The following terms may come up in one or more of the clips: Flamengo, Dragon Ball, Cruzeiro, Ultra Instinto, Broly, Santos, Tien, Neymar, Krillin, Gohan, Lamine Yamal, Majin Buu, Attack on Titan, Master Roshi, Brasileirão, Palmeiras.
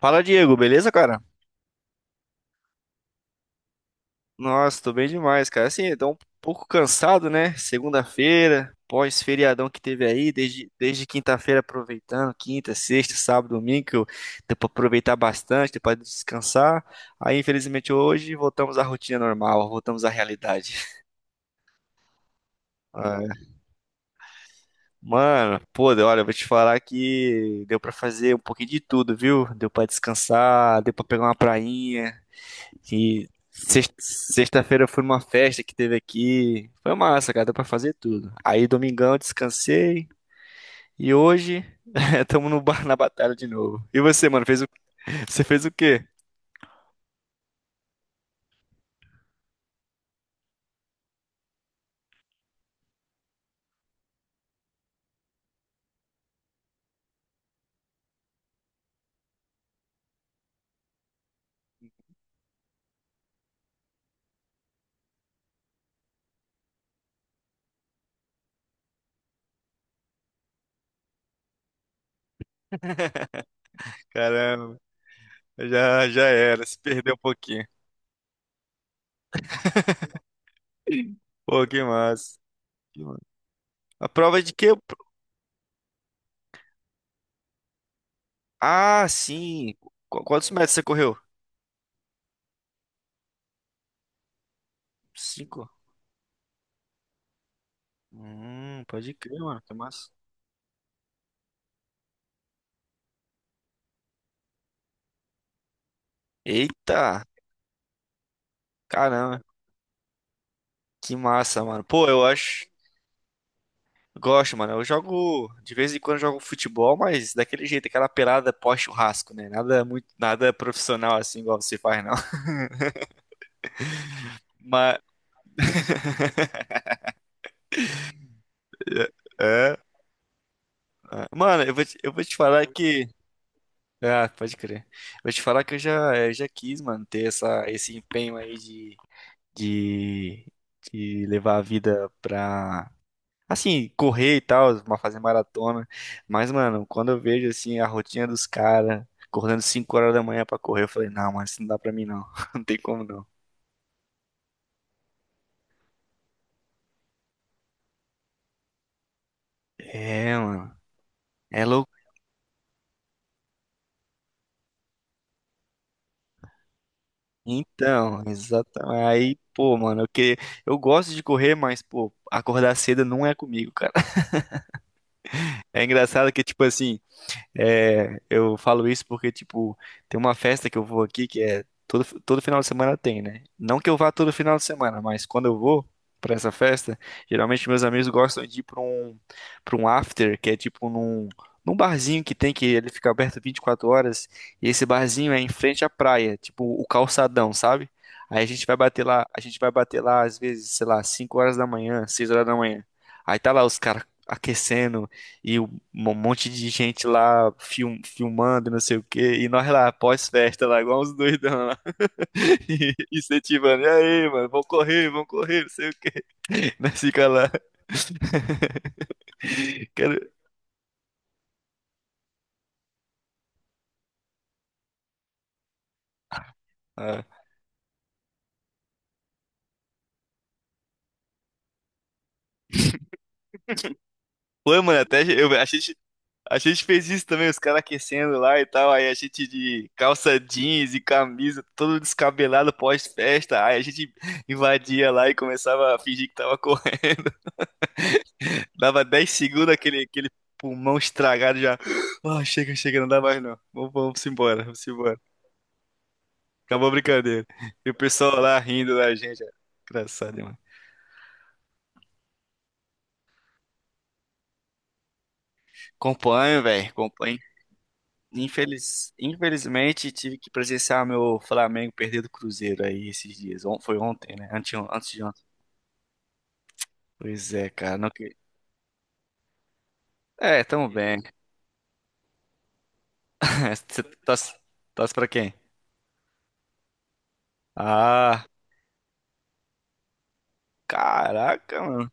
Fala, Diego, beleza, cara? Nossa, tô bem demais, cara. Assim, tô um pouco cansado, né? Segunda-feira, pós-feriadão que teve aí, desde quinta-feira aproveitando, quinta, sexta, sábado, domingo, deu pra aproveitar bastante, deu pra descansar. Aí, infelizmente, hoje voltamos à rotina normal, voltamos à realidade. Ah, é. Mano, pô, olha, eu vou te falar que deu pra fazer um pouquinho de tudo, viu? Deu pra descansar, deu pra pegar uma prainha. E sexta-feira foi numa festa que teve aqui. Foi massa, cara, deu pra fazer tudo. Aí domingão eu descansei e hoje estamos no bar na batalha de novo. E você, mano, fez o... você fez o quê? Caramba, já já era, se perdeu um pouquinho. Pô, que massa. Que massa. A prova de quê? Ah, sim. Quantos metros você correu? Cinco. Pode crer, mano, que massa. Eita, caramba, que massa, mano. Pô, eu acho. Gosto, mano. Eu jogo, de vez em quando eu jogo futebol, mas daquele jeito, aquela pelada pós-churrasco, né? Nada muito, nada profissional assim igual você faz, não. Mas é, é. Mano, eu vou te falar que ah, pode crer. Eu vou te falar que eu já quis, mano, ter essa, esse empenho aí de, de levar a vida pra, assim, correr e tal, fazer maratona. Mas, mano, quando eu vejo assim a rotina dos caras acordando 5 horas da manhã pra correr, eu falei, não, mano, isso não dá pra mim não. Não tem como não. É, mano. É louco. Então, exatamente. Aí, pô, mano, eu que eu gosto de correr, mas, pô, acordar cedo não é comigo, cara. É engraçado que, tipo assim, é, eu falo isso porque, tipo, tem uma festa que eu vou aqui que é todo final de semana tem, né? Não que eu vá todo final de semana, mas quando eu vou pra essa festa, geralmente meus amigos gostam de ir pra um after, que é tipo num barzinho que tem que ele fica aberto 24 horas, e esse barzinho é em frente à praia, tipo o calçadão, sabe? Aí a gente vai bater lá, a gente vai bater lá às vezes, sei lá, 5 horas da manhã, 6 horas da manhã. Aí tá lá os caras aquecendo, e um monte de gente lá filmando, não sei o quê. E nós lá, pós-festa, lá, igual uns doidão lá. E, incentivando. E aí, mano, vão correr, não sei o quê. Nós fica lá. Quero... Ah. Foi, mano, até a gente fez isso também, os caras aquecendo lá e tal. Aí a gente de calça jeans e camisa, todo descabelado pós-festa. Aí a gente invadia lá e começava a fingir que tava correndo. Dava 10 segundos aquele, aquele pulmão estragado já. Ah, chega, chega, não dá mais não. Vamos, vamos embora, vamos embora. Acabou a brincadeira. E o pessoal lá rindo da gente. É engraçado, mano. Acompanho, velho, acompanho. Infelizmente, tive que presenciar meu Flamengo perder do Cruzeiro aí esses dias. Foi ontem, né? Antes de ontem. Pois é, cara. Não... que- É, tamo bem. Você torce pra quem? Ah, caraca, mano.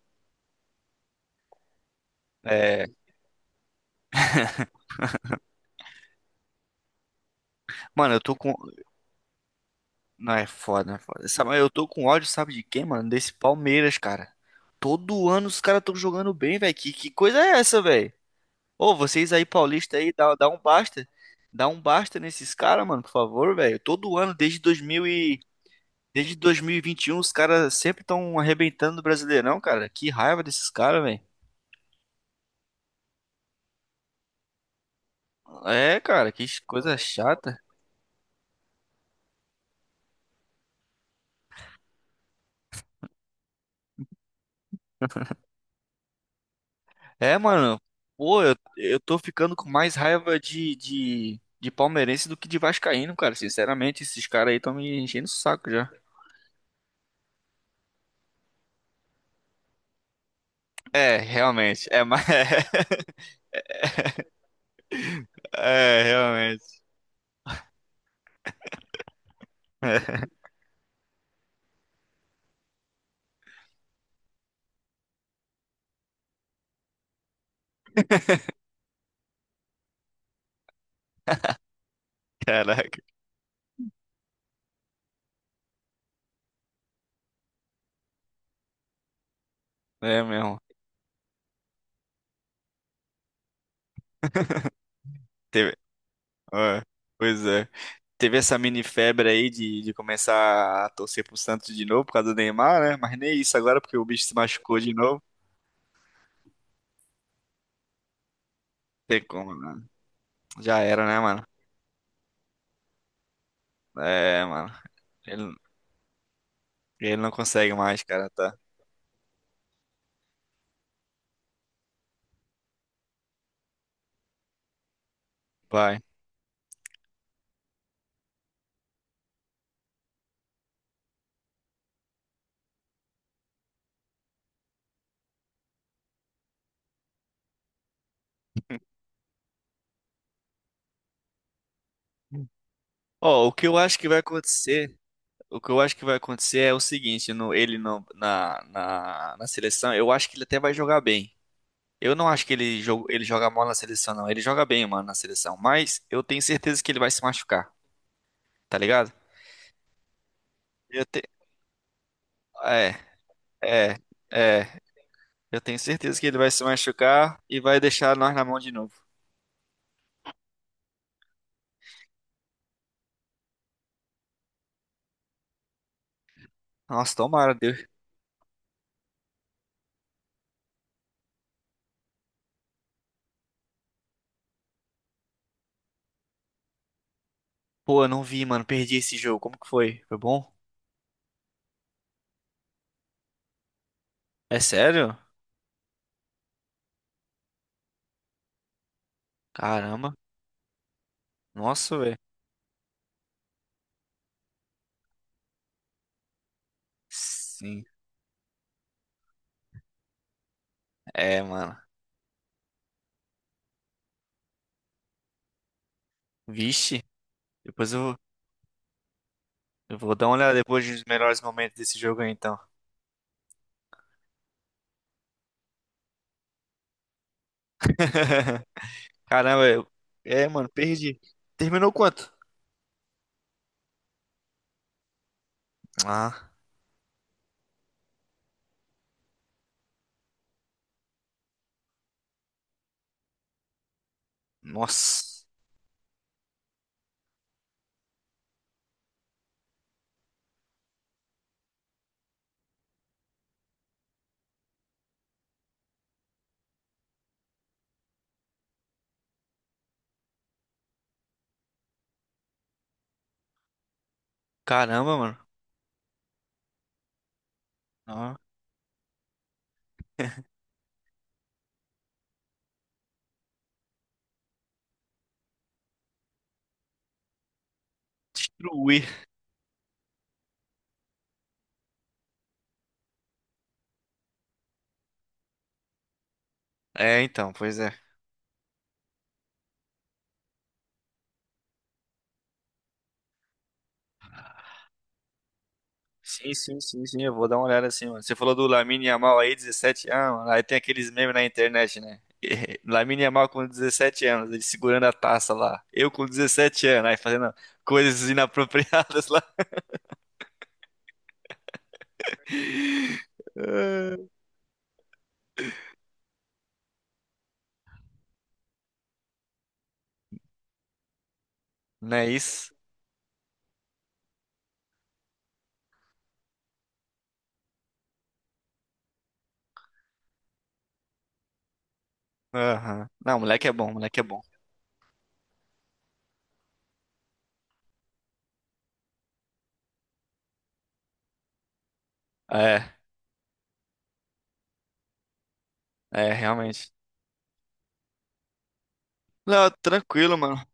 É, mano, não, é foda, é foda. Sabe, eu tô com ódio, sabe de quem, mano? Desse Palmeiras, cara. Todo ano os caras tão jogando bem, velho. Que coisa é essa, velho? Ô, vocês aí, paulista aí, dá um basta. Dá um basta nesses caras, mano, por favor, velho. Todo ano, desde 2000 e... desde 2021, os caras sempre estão arrebentando o Brasileirão, cara. Que raiva desses caras, velho. É, cara, que coisa chata. É, mano. Pô, eu tô ficando com mais raiva de palmeirense do que de vascaíno, cara. Sinceramente, esses caras aí estão me enchendo o saco já. É, realmente. É, mais é, realmente. Caraca. É mesmo. Teve... é, pois é. Teve essa mini febre aí de começar a torcer pro Santos de novo por causa do Neymar, né? Mas nem isso agora, porque o bicho se machucou de novo. Tem como, né? Já era, né, mano? É, mano. Ele, ele não consegue mais, cara, tá? Vai. Ó, o que eu acho que vai acontecer, o que eu acho que vai acontecer é o seguinte, no, ele não, na, na, na seleção, eu acho que ele até vai jogar bem. Eu não acho que ele joga mal na seleção, não. Ele joga bem, mano, na seleção. Mas eu tenho certeza que ele vai se machucar, tá ligado? Eu te... É, é, é. Eu tenho certeza que ele vai se machucar e vai deixar nós na mão de novo. Nossa, tomara, Deus. Pô, eu não vi, mano. Perdi esse jogo. Como que foi? Foi bom? É sério? Caramba. Nossa, velho. Sim. É, mano. Vixe, depois eu vou dar uma olhada depois dos melhores momentos desse jogo aí, então. Caramba, eu... É, mano, perdi. Terminou quanto? Ah, nossa. Caramba, mano. Ah, destruir. É, então, pois é. Sim, sim, sim, sim, eu vou dar uma olhada assim, mano. Você falou do Lamine Yamal aí, 17 anos, mano. Aí tem aqueles memes na internet, né? Lamine Yamal com 17 anos, ele segurando a taça lá. Eu com 17 anos, aí fazendo coisas inapropriadas lá. Não é isso? Aham. Não, moleque é bom, moleque é bom. É, é, realmente. Não, tranquilo, mano.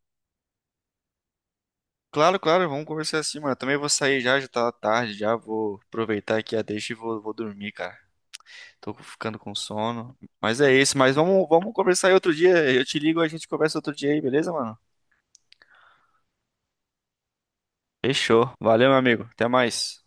Claro, claro, vamos conversar assim, mano. Eu também vou sair já, já tá tarde, já vou aproveitar aqui a deixa e vou dormir, cara. Tô ficando com sono. Mas é isso, mas vamos conversar aí outro dia. Eu te ligo, a gente conversa outro dia aí, beleza, mano? Fechou. Valeu, meu amigo. Até mais.